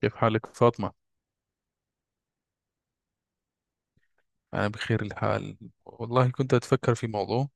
كيف حالك فاطمة؟ أنا بخير الحال. والله كنت أتفكر في موضوع،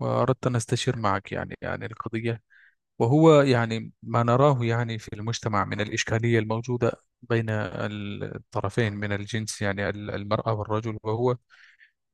وأردت أن أستشير معك عن القضية. وهو ما نراه في المجتمع من الإشكالية الموجودة بين الطرفين من الجنس، المرأة والرجل. وهو،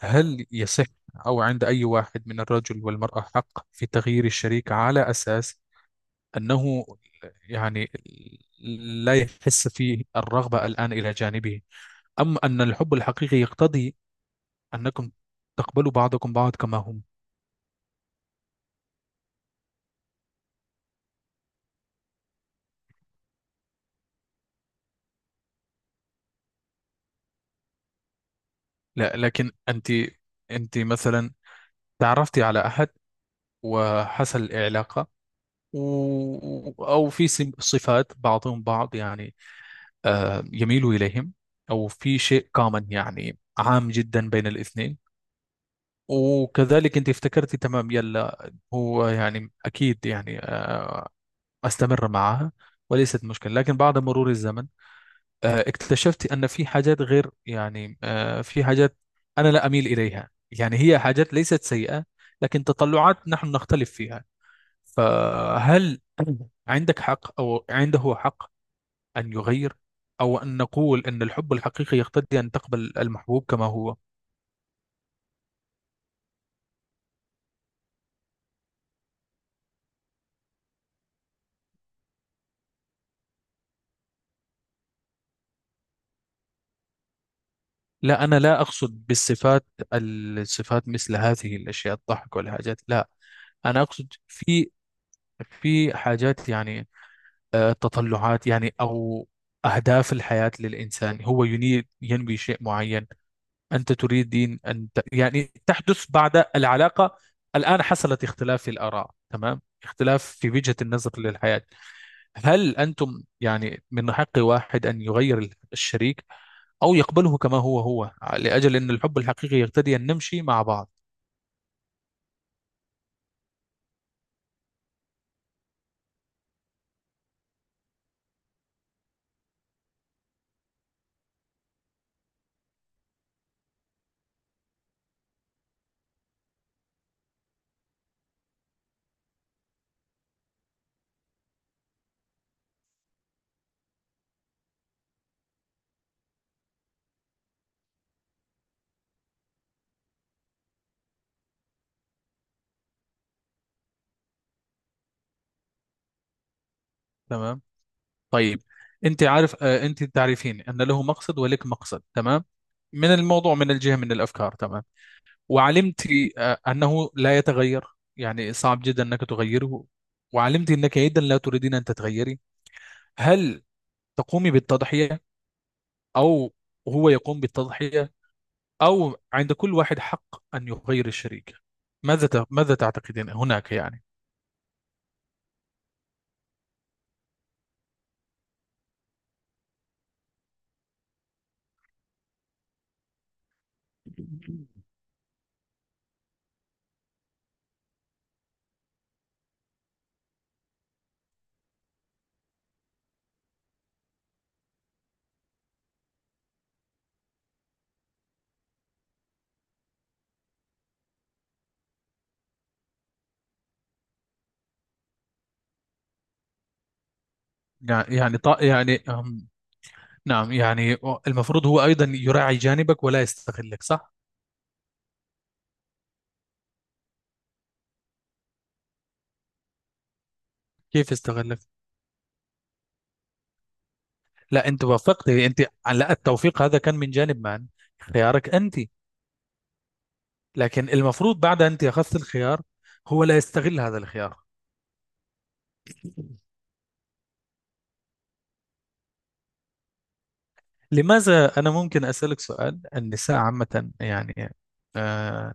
هل يصح أو عند أي واحد من الرجل والمرأة حق في تغيير الشريك على أساس أنه يعني لا يحس فيه الرغبة الآن إلى جانبه، أم أن الحب الحقيقي يقتضي أنكم تقبلوا بعضكم بعض كما هم؟ لا، لكن أنت، أنت مثلا تعرفتي على أحد وحصل علاقة، أو في صفات بعضهم بعض، آه يميلوا إليهم، أو في شيء كومن عام جدا بين الاثنين. وكذلك أنت افتكرتي تمام، يلا هو يعني أكيد يعني آه، أستمر معها وليست مشكلة. لكن بعد مرور الزمن، اكتشفت أن في حاجات غير، في حاجات أنا لا أميل إليها، هي حاجات ليست سيئة لكن تطلعات نحن نختلف فيها. فهل عندك حق أو عنده حق أن يغير، أو أن نقول أن الحب الحقيقي يقتضي أن تقبل المحبوب كما هو؟ لا، أنا لا أقصد بالصفات. الصفات مثل هذه الأشياء، الضحك والحاجات، لا. أنا أقصد في حاجات، تطلعات أو أهداف الحياة للإنسان. هو ينوي شيء معين، أنت تريدين أن ت... يعني تحدث بعد العلاقة. الآن حصلت اختلاف في الآراء، تمام، اختلاف في وجهة النظر للحياة. هل أنتم من حق واحد أن يغير الشريك أو يقبله كما هو هو، لأجل أن الحب الحقيقي يقتضي أن نمشي مع بعض؟ تمام. طيب، أنت عارف، أنت تعرفين أن له مقصد ولك مقصد، تمام، من الموضوع، من الجهة، من الأفكار، تمام. وعلمت أنه لا يتغير، صعب جدا أنك تغيره. وعلمت أنك أيضا لا تريدين أن تتغيري. هل تقومي بالتضحية، أو هو يقوم بالتضحية، أو عند كل واحد حق أن يغير الشريك؟ ماذا تعتقدين هناك؟ يعني يعني يعني ط- يعني أم، نعم، المفروض هو أيضا يراعي جانبك ولا يستغلك، صح؟ كيف يستغلك؟ لا، أنت وافقتي أنت. لا، التوفيق هذا كان من جانب من؟ خيارك أنت. لكن المفروض بعد أنت أخذت الخيار، هو لا يستغل هذا الخيار. لماذا؟ أنا ممكن أسألك سؤال، النساء عامة، آه،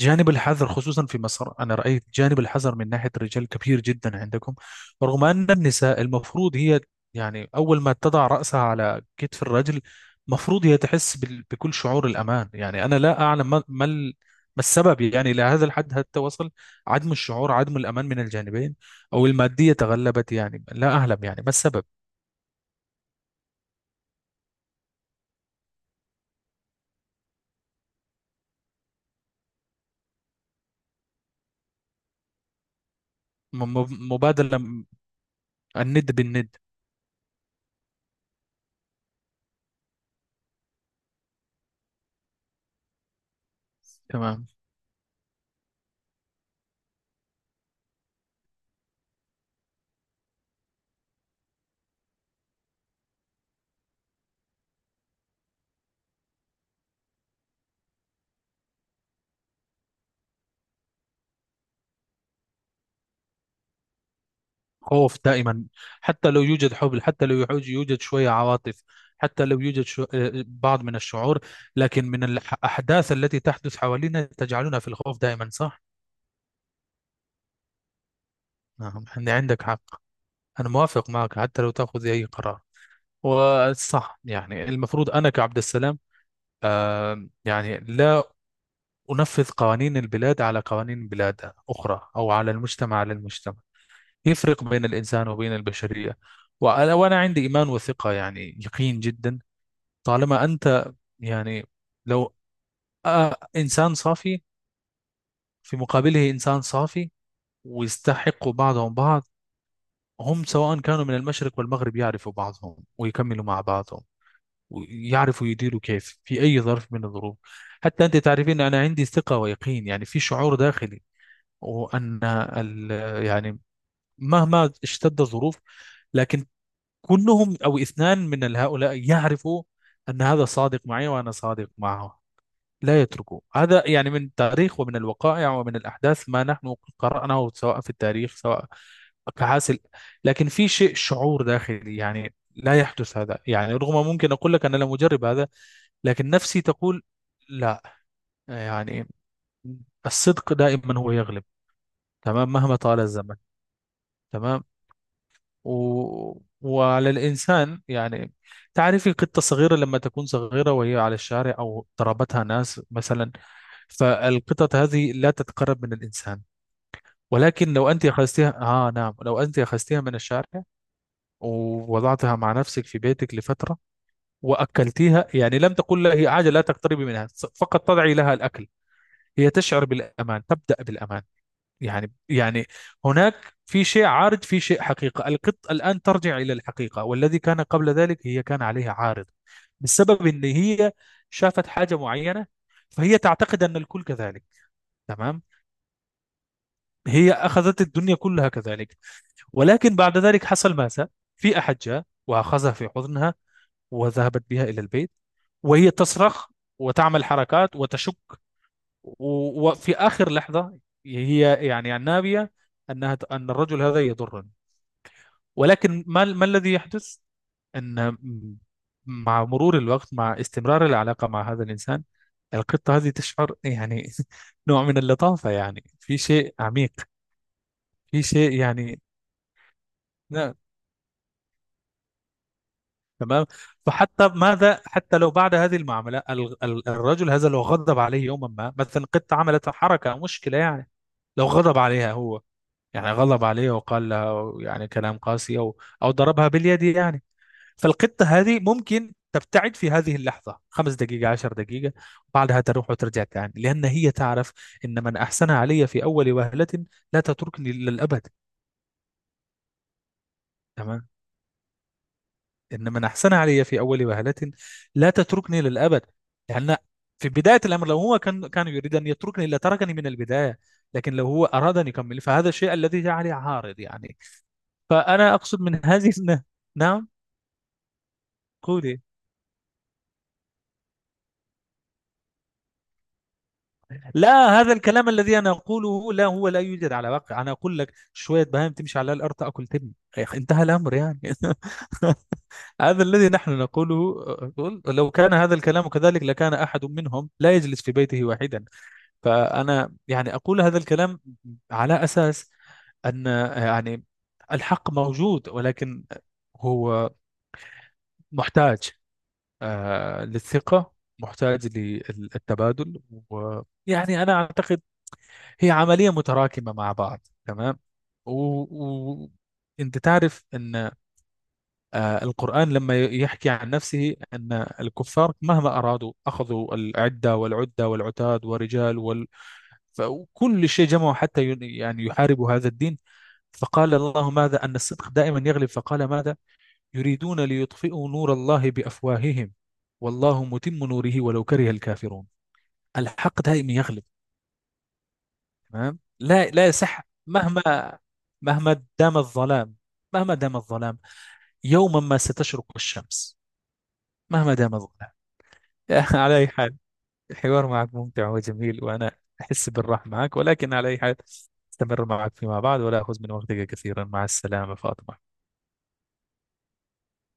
جانب الحذر خصوصا في مصر، أنا رأيت جانب الحذر من ناحية الرجال كبير جدا عندكم، رغم أن النساء المفروض هي، أول ما تضع رأسها على كتف الرجل مفروض هي تحس بكل شعور الأمان. أنا لا أعلم، ما ما السبب إلى هذا الحد حتى وصل عدم الشعور، عدم الأمان من الجانبين، أو المادية تغلبت، لا أعلم ما السبب. مبادلة، الند بالند. تمام. خوف دائما، حتى لو يوجد حب، حتى لو يوجد شوية عواطف، حتى لو يوجد شو... آه، بعض من الشعور، لكن من الأحداث التي تحدث حوالينا تجعلنا في الخوف دائما، صح؟ نعم، إن عندك حق. أنا موافق معك، حتى لو تأخذ أي قرار. وصح، المفروض أنا كعبد السلام، لا أنفذ قوانين البلاد على قوانين بلاد أخرى، أو على المجتمع، على المجتمع يفرق بين الإنسان وبين البشرية. وأنا عندي إيمان وثقة، يقين جدا. طالما أنت، يعني لو إنسان صافي في مقابله إنسان صافي ويستحقوا بعضهم بعض، هم سواء كانوا من المشرق والمغرب يعرفوا بعضهم ويكملوا مع بعضهم ويعرفوا يديروا كيف في أي ظرف من الظروف. حتى أنت تعرفين أنا عندي ثقة ويقين، في شعور داخلي، وأن ال- يعني مهما اشتد الظروف، لكن كلهم أو اثنان من هؤلاء يعرفوا أن هذا صادق معي وأنا صادق معه، لا يتركه. هذا من التاريخ ومن الوقائع ومن الأحداث ما نحن قرأناه، سواء في التاريخ، سواء كحاصل. لكن في شيء، شعور داخلي، لا يحدث هذا، رغم ممكن أقول لك أنا لم أجرب هذا، لكن نفسي تقول لا. يعني الصدق دائما هو يغلب، تمام، مهما طال الزمن. تمام. و... وعلى الإنسان، تعرفي قطة صغيرة، لما تكون صغيرة وهي على الشارع أو ضربتها ناس مثلا، فالقطط هذه لا تتقرب من الإنسان. ولكن لو أنت أخذتها، آه نعم، لو أنت أخذتها من الشارع ووضعتها مع نفسك في بيتك لفترة، وأكلتيها، لم تقل لها هي عاجل لا تقتربي منها، فقط تضعي لها الأكل، هي تشعر بالأمان، تبدأ بالأمان. يعني يعني هناك في شيء عارض، في شيء حقيقة. القط الآن ترجع إلى الحقيقة، والذي كان قبل ذلك هي كان عليها عارض بسبب إن هي شافت حاجة معينة، فهي تعتقد أن الكل كذلك، تمام، هي أخذت الدنيا كلها كذلك. ولكن بعد ذلك حصل ماذا؟ في أحد جاء وأخذها في حضنها، وذهبت بها إلى البيت، وهي تصرخ وتعمل حركات وتشك. وفي آخر لحظة، هي النابية أنها أن الرجل هذا يضرني. ولكن ما الذي يحدث، أن مع مرور الوقت، مع استمرار العلاقة مع هذا الإنسان، القطة هذه تشعر نوع من اللطافة، في شيء عميق، في شيء تمام. فحتى ماذا؟ حتى لو بعد هذه المعاملة الرجل هذا لو غضب عليه يوما ما، مثلا قط عملت حركة أو مشكلة لو غضب عليها هو، غضب عليها وقال لها كلام قاسي، أو ضربها باليد، فالقطة هذه ممكن تبتعد في هذه اللحظة، خمس دقيقة، عشر دقيقة، بعدها تروح وترجع تاني، لأن هي تعرف إن من أحسن علي في أول وهلة لا تتركني للأبد. تمام. إن من أحسن علي في أول وهلة لا تتركني للأبد، لأن في بداية الأمر لو هو كان يريد أن يتركني لتركني من البداية، لكن لو هو أراد أن يكمل فهذا الشيء الذي جعلي عارض. فأنا أقصد من نعم، قولي. لا، هذا الكلام الذي أنا أقوله، لا، هو لا يوجد على واقع. أنا أقول لك شوية بهائم تمشي على الأرض تأكل تبن، يا أخي، انتهى الأمر هذا الذي نحن نقوله، أقول لو كان هذا الكلام كذلك لكان أحد منهم لا يجلس في بيته واحدا. فأنا أقول هذا الكلام على أساس أن، يعني الحق موجود، ولكن هو محتاج للثقة، محتاج للتبادل. ويعني أنا أعتقد هي عملية متراكمة مع بعض، تمام. و... و... أنت تعرف أن القرآن لما يحكي عن نفسه أن الكفار مهما أرادوا أخذوا العدة والعدة والعتاد ورجال، فكل شيء جمعوا حتى يحاربوا هذا الدين. فقال الله ماذا؟ أن الصدق دائما يغلب. فقال ماذا؟ يريدون ليطفئوا نور الله بأفواههم والله متم نوره ولو كره الكافرون. الحق دائما يغلب، تمام. لا، لا يصح، مهما دام الظلام، مهما دام الظلام، يوما ما ستشرق الشمس. مهما دام الظلام. على أي حال، الحوار معك ممتع وجميل، وأنا أحس بالراحة معك، ولكن على أي حال، استمر معك فيما بعد ولا أخذ من وقتك كثيرا. مع السلامة فاطمة.